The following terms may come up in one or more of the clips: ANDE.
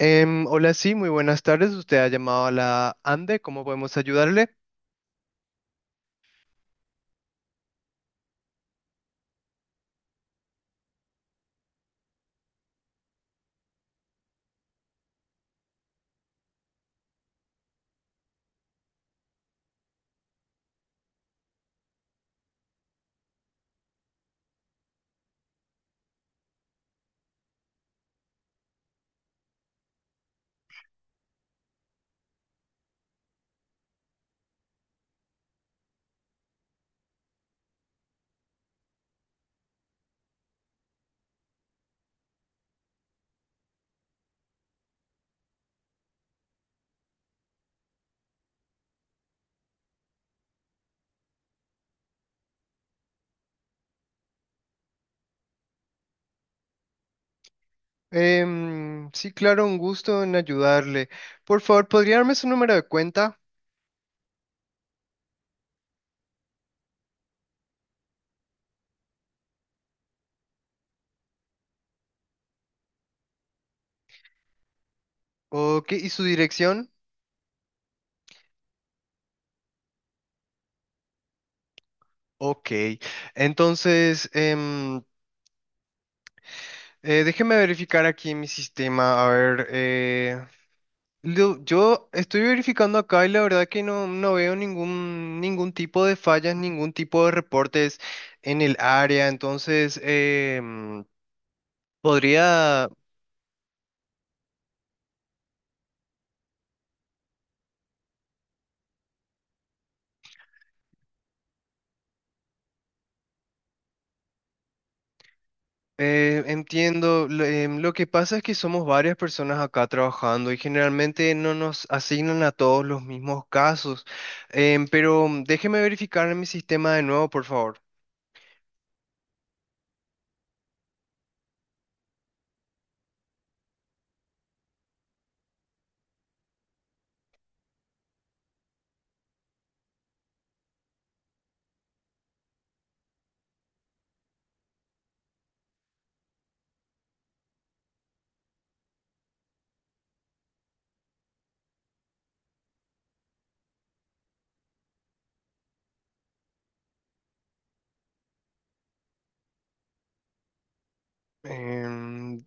Hola, sí, muy buenas tardes. Usted ha llamado a la ANDE. ¿Cómo podemos ayudarle? Sí, claro, un gusto en ayudarle. Por favor, ¿podría darme su número de cuenta? Ok, ¿y su dirección? Ok. Entonces, déjeme verificar aquí en mi sistema. A ver, yo estoy verificando acá y la verdad que no veo ningún tipo de fallas, ningún tipo de reportes en el área. Entonces, ¿podría entiendo, lo que pasa es que somos varias personas acá trabajando y generalmente no nos asignan a todos los mismos casos. Pero déjeme verificar en mi sistema de nuevo, por favor. Em,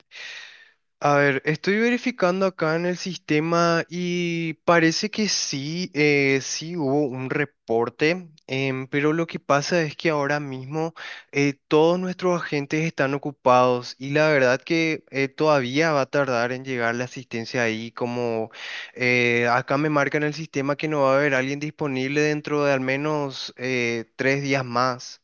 A ver, estoy verificando acá en el sistema y parece que sí, sí hubo un reporte, pero lo que pasa es que ahora mismo todos nuestros agentes están ocupados y la verdad que todavía va a tardar en llegar la asistencia ahí, como acá me marca en el sistema que no va a haber alguien disponible dentro de al menos tres días más.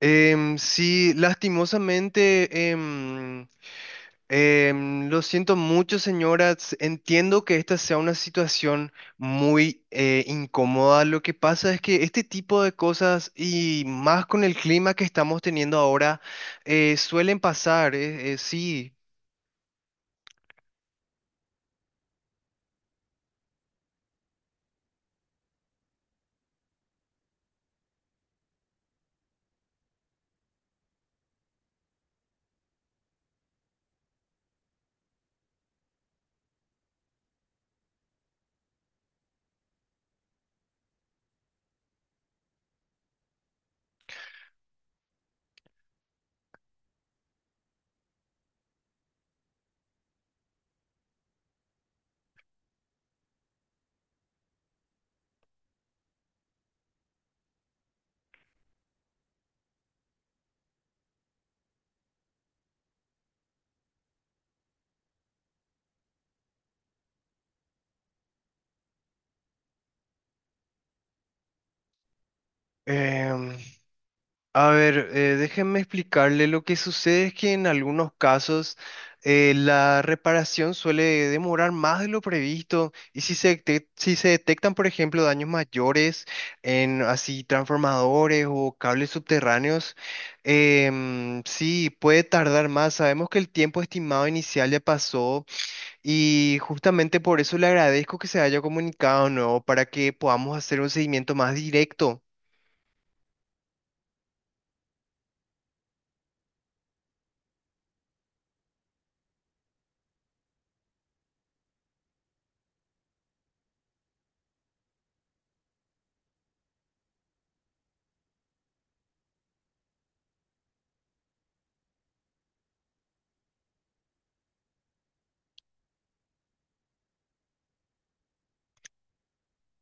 Sí, lastimosamente, lo siento mucho, señoras. Entiendo que esta sea una situación muy incómoda. Lo que pasa es que este tipo de cosas, y más con el clima que estamos teniendo ahora, suelen pasar. Sí. em, A ver, déjenme explicarle. Lo que sucede es que en algunos casos la reparación suele demorar más de lo previsto y si se detectan, por ejemplo, daños mayores en así transformadores o cables subterráneos, sí, puede tardar más. Sabemos que el tiempo estimado inicial ya pasó y justamente por eso le agradezco que se haya comunicado, ¿no? Para que podamos hacer un seguimiento más directo.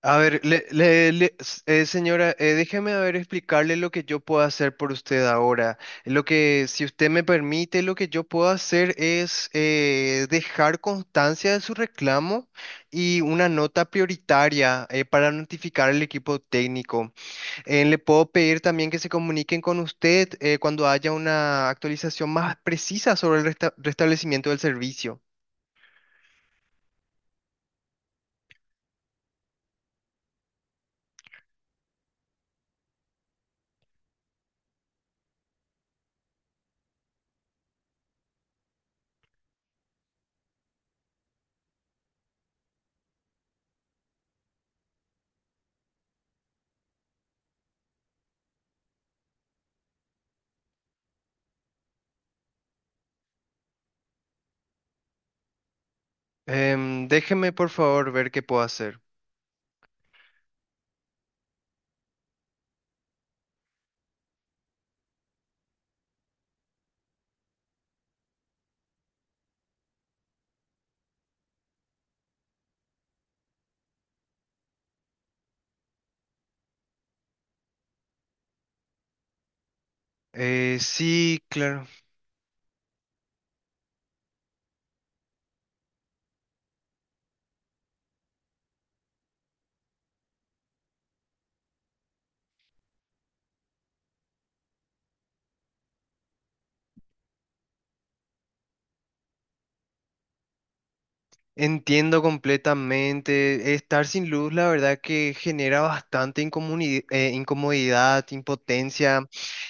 A ver, señora, déjeme a ver explicarle lo que yo puedo hacer por usted ahora. Lo que, si usted me permite, lo que yo puedo hacer es dejar constancia de su reclamo y una nota prioritaria para notificar al equipo técnico. Le puedo pedir también que se comuniquen con usted cuando haya una actualización más precisa sobre el restablecimiento del servicio. Déjeme, por favor, ver qué puedo hacer. Sí, claro. Entiendo completamente. Estar sin luz, la verdad que genera bastante incomodidad, impotencia.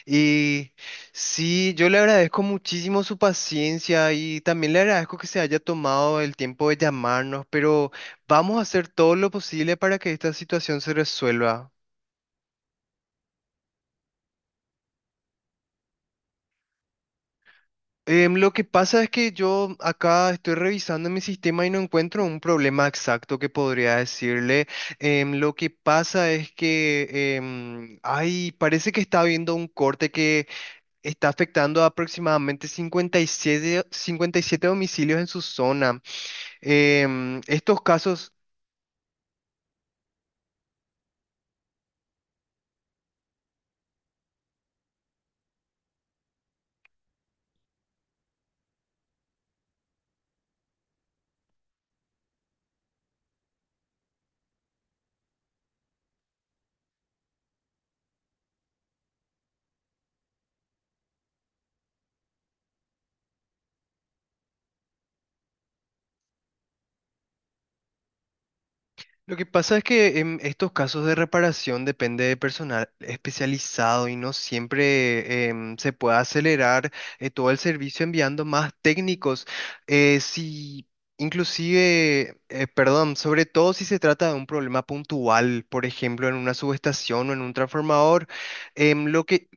Y sí, yo le agradezco muchísimo su paciencia y también le agradezco que se haya tomado el tiempo de llamarnos, pero vamos a hacer todo lo posible para que esta situación se resuelva. Lo que pasa es que yo acá estoy revisando mi sistema y no encuentro un problema exacto que podría decirle. Lo que pasa es que, ay, parece que está habiendo un corte que está afectando a aproximadamente 57 domicilios en su zona. Estos casos... Lo que pasa es que en estos casos de reparación depende de personal especializado y no siempre se puede acelerar todo el servicio enviando más técnicos. Si, inclusive, perdón, sobre todo si se trata de un problema puntual, por ejemplo, en una subestación o en un transformador, em, lo que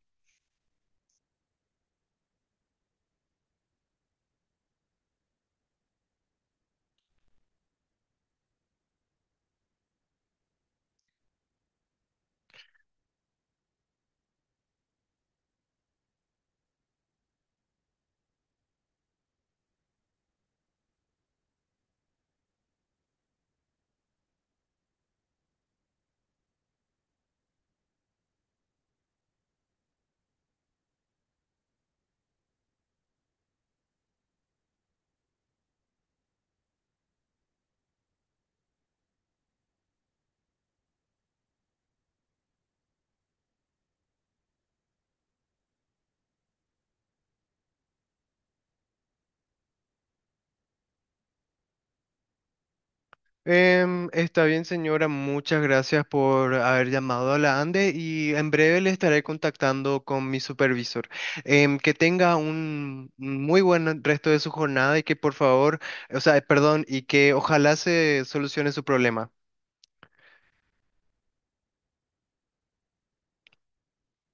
Está bien, señora. Muchas gracias por haber llamado a la ANDE y en breve le estaré contactando con mi supervisor. Que tenga un muy buen resto de su jornada y que por favor, y que ojalá se solucione su problema.